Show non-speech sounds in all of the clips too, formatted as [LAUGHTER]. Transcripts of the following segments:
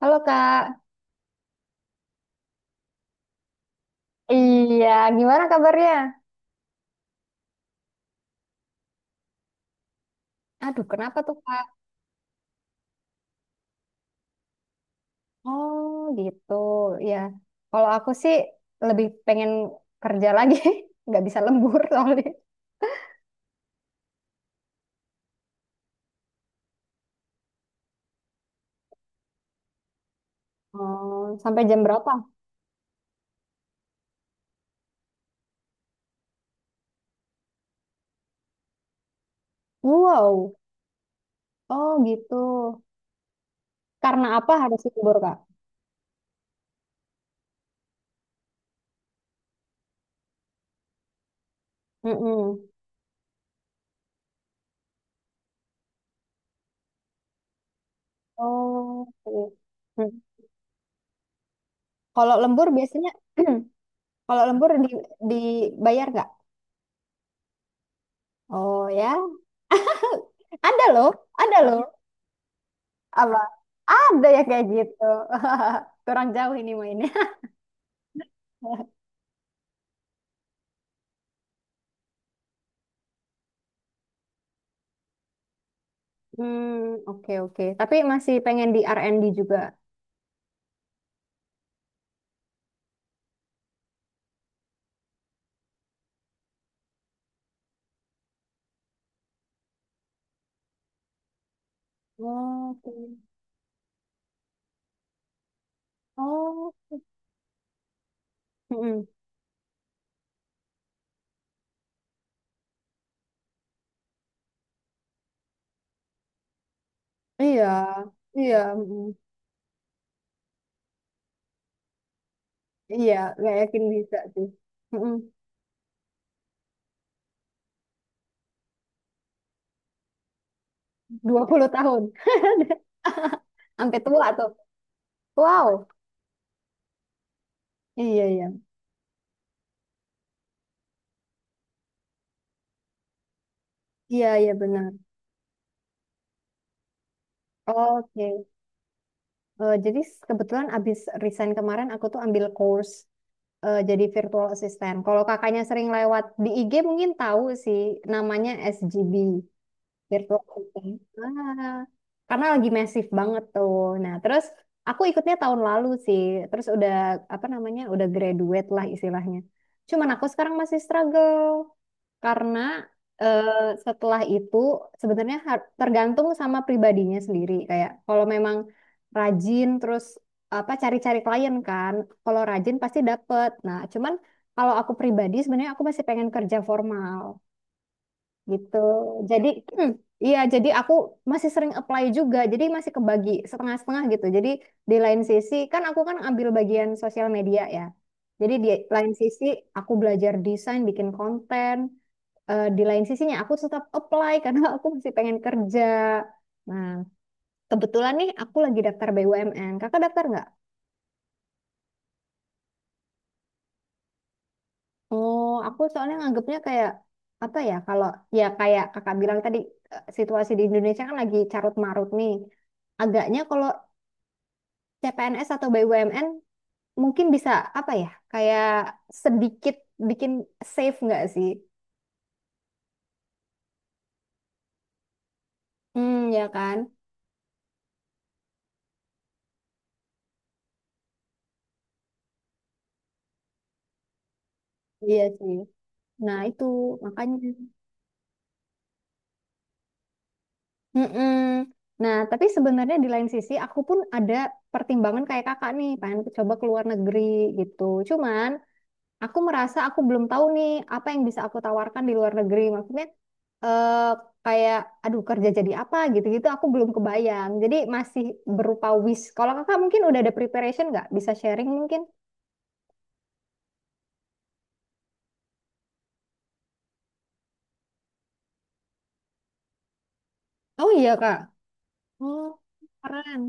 Halo Kak, iya, gimana kabarnya? Aduh kenapa tuh Kak? Oh gitu, ya. Kalau aku sih lebih pengen kerja lagi, [LAUGHS] nggak bisa lembur soalnya. Oh, sampai jam berapa? Wow, oh gitu. Karena apa harus lembur Kak? Mm-mm. Oh, iya. Hmm. Kalau lembur biasanya, [CLEARS THROAT] kalau lembur di, dibayar nggak? Oh ya, ada loh, ada loh. Apa? Ada ya kayak gitu. [LAUGHS] Kurang jauh ini main. Hmm, oke oke. Tapi masih pengen di R&D juga. Oke. Oh, mm-mm. Iya, iya, mm-mm. Iya, gak yakin bisa sih. Mm-mm. 20 tahun. [LAUGHS] Sampai tua tuh. Wow. Iya, iya. Iya, iya benar. Oke. Eh, jadi kebetulan abis resign kemarin aku tuh ambil course eh, jadi virtual assistant. Kalau kakaknya sering lewat di IG mungkin tahu sih namanya SGB. Virtual meeting. Ah, karena lagi masif banget tuh. Nah, terus aku ikutnya tahun lalu sih. Terus udah apa namanya? Udah graduate lah istilahnya. Cuman aku sekarang masih struggle karena eh, setelah itu sebenarnya tergantung sama pribadinya sendiri. Kayak kalau memang rajin terus apa cari-cari klien kan, kalau rajin pasti dapet. Nah, cuman kalau aku pribadi sebenarnya aku masih pengen kerja formal gitu. Jadi mm, iya, jadi aku masih sering apply juga. Jadi masih kebagi setengah-setengah gitu. Jadi di lain sisi kan aku kan ambil bagian sosial media ya. Jadi di lain sisi aku belajar desain, bikin konten. Eh, di lain sisinya aku tetap apply [LAUGHS] karena aku masih pengen kerja. Nah, kebetulan nih aku lagi daftar BUMN. Kakak daftar nggak? Oh, aku soalnya nganggapnya kayak apa ya? Kalau ya kayak kakak bilang tadi eh, situasi di Indonesia kan lagi carut marut nih. Agaknya kalau CPNS atau BUMN mungkin bisa apa ya? Kayak sedikit bikin safe nggak sih? Hmm, ya kan? Iya sih. Nah itu makanya. Mm-mm. Nah, tapi sebenarnya di lain sisi aku pun ada pertimbangan kayak kakak nih, pengen coba keluar negeri gitu. Cuman aku merasa aku belum tahu nih apa yang bisa aku tawarkan di luar negeri. Maksudnya eh, kayak aduh kerja jadi apa gitu-gitu aku belum kebayang. Jadi masih berupa wish. Kalau kakak mungkin udah ada preparation nggak? Bisa sharing mungkin? Oh iya kak. Oh keren.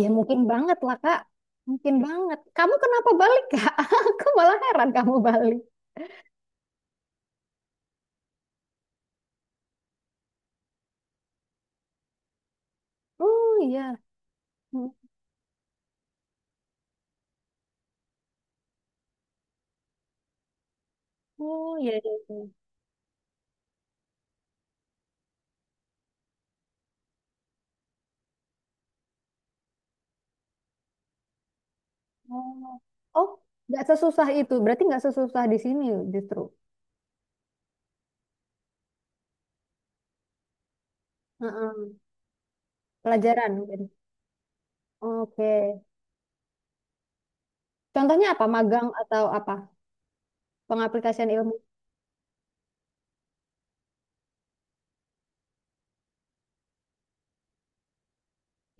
Ya mungkin banget lah kak. Mungkin banget. Kamu kenapa balik kak? [LAUGHS] Aku malah heran kamu balik. Oh iya. Hmm. Oh iya. Iya, iya. Oh, oh, nggak sesusah itu. Berarti nggak sesusah di sini justru. Heeh. Pelajaran mungkin. Oke. Contohnya apa? Magang atau apa? Pengaplikasian ilmu.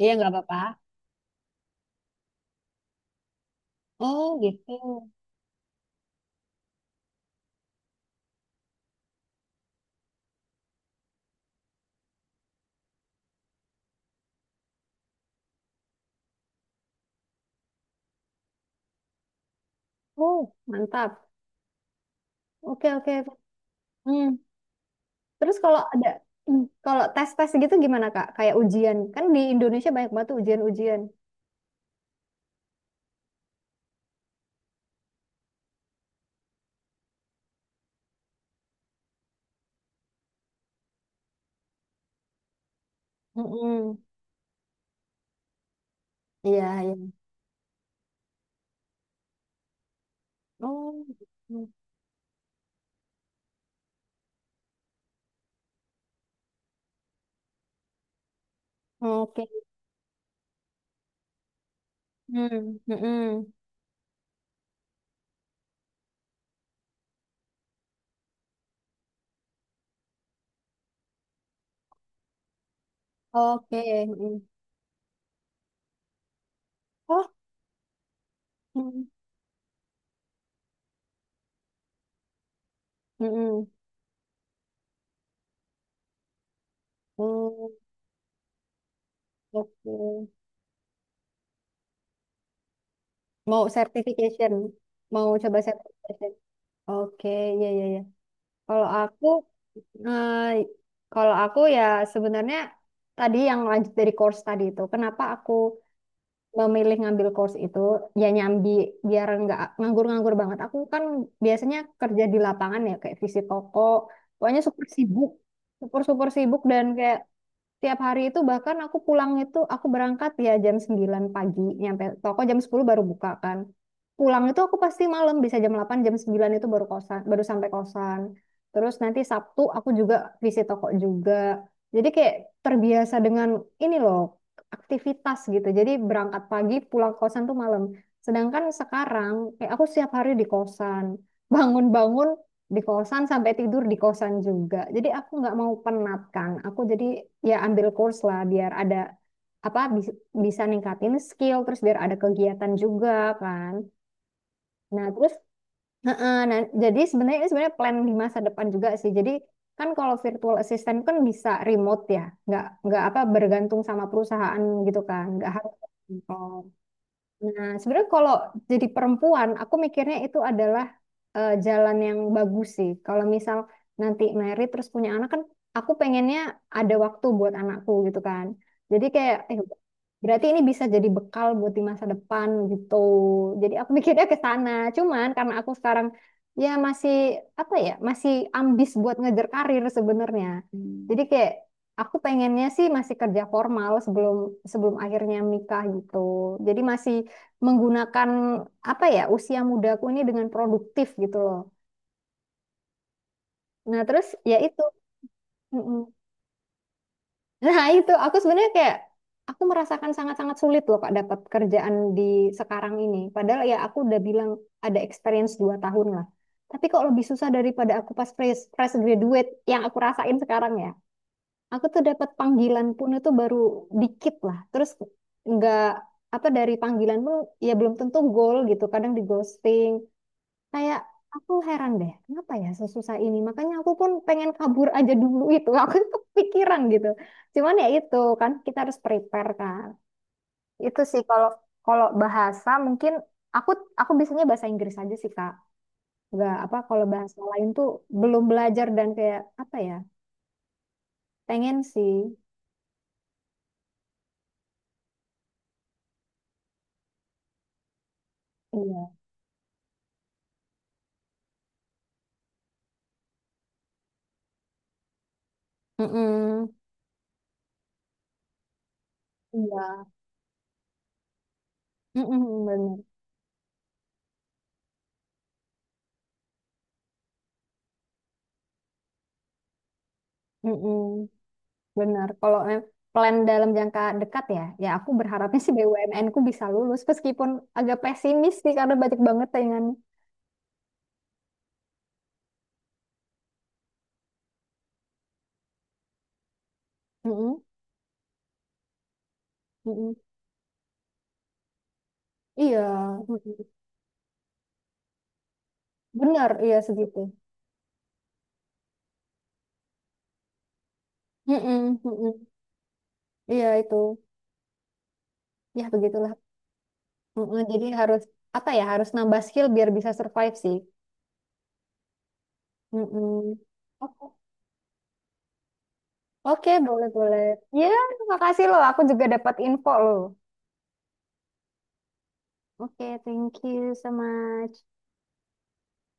Iya, nggak apa-apa. Oh, gitu. Oh, mantap. Oke, oke. Hmm. Terus kalau ada hmm, kalau tes-tes gitu gimana, Kak? Kayak ujian. Kan di Indonesia banyak banget tuh ujian-ujian. Mm-mm. Iya, iya. Oh, gitu. Oke. Hmm. Mm-mm. Oke. Mm-mm. Oh. Mm. Mm-mm. Hmm. Oke. Mau certification. Mau coba certification. Oke, ya ya ya. Kalau aku eh, kalau aku ya sebenarnya tadi yang lanjut dari course tadi itu, kenapa aku memilih ngambil course itu ya nyambi biar nggak nganggur-nganggur banget. Aku kan biasanya kerja di lapangan ya kayak visi toko, pokoknya super sibuk, super super sibuk dan kayak tiap hari itu bahkan aku pulang itu aku berangkat ya jam 9 pagi nyampe toko jam 10 baru buka kan. Pulang itu aku pasti malam bisa jam 8 jam 9 itu baru kosan baru sampai kosan. Terus nanti Sabtu aku juga visit toko juga. Jadi kayak terbiasa dengan ini loh aktivitas gitu. Jadi berangkat pagi pulang kosan tuh malam. Sedangkan sekarang kayak aku setiap hari di kosan. Bangun-bangun di kosan sampai tidur di kosan juga. Jadi aku nggak mau penat kan. Aku jadi ya ambil course lah biar ada apa bis- bisa ningkatin skill terus biar ada kegiatan juga kan. Nah, terus heeh, nah, jadi sebenarnya ini sebenarnya plan di masa depan juga sih. Jadi kan kalau virtual assistant kan bisa remote ya. Nggak apa bergantung sama perusahaan gitu kan. Nggak harus di kantor. Nah, sebenarnya kalau jadi perempuan, aku mikirnya itu adalah eh, jalan yang bagus sih. Kalau misal nanti married terus punya anak kan, aku pengennya ada waktu buat anakku gitu kan. Jadi kayak, eh, berarti ini bisa jadi bekal buat di masa depan gitu. Jadi aku [LAUGHS] mikirnya ke sana. Cuman karena aku sekarang ya masih apa ya, masih ambis buat ngejar karir sebenarnya. Hmm. Jadi kayak aku pengennya sih masih kerja formal sebelum sebelum akhirnya nikah gitu. Jadi masih menggunakan apa ya usia mudaku ini dengan produktif gitu loh. Nah terus ya itu, mm-mm. Nah itu aku sebenarnya kayak aku merasakan sangat-sangat sulit loh Kak dapat kerjaan di sekarang ini. Padahal ya aku udah bilang ada experience 2 tahun lah. Tapi kok lebih susah daripada aku pas fresh graduate yang aku rasain sekarang ya. Aku tuh dapat panggilan pun itu baru dikit lah. Terus nggak apa dari panggilan pun ya belum tentu goal gitu. Kadang di ghosting. Kayak aku heran deh, kenapa ya sesusah ini? Makanya aku pun pengen kabur aja dulu itu. [LAUGHS] Aku kepikiran gitu. Cuman ya itu kan kita harus prepare kan. Itu sih kalau kalau bahasa mungkin aku biasanya bahasa Inggris aja sih Kak. Gak apa kalau bahasa lain tuh belum belajar dan kayak apa ya? Pengen sih. Iya. Mm-mm. Iya. Mm-mm, bener. Mm-mm. Benar, kalau plan dalam jangka dekat ya, ya aku berharapnya sih BUMN ku bisa lulus meskipun agak pesimis sih karena banyak banget tayangan. Mm-mm, mm-mm. Iya, mm-mm. Benar, iya segitu. Mm-mm, mm-mm. Iya itu, ya begitulah. Mm-mm, jadi harus apa ya, harus nambah skill biar bisa survive sih. Mm-mm. Oke, oke, boleh boleh. Ya, makasih loh, aku juga dapat info loh. Oke, thank you so much.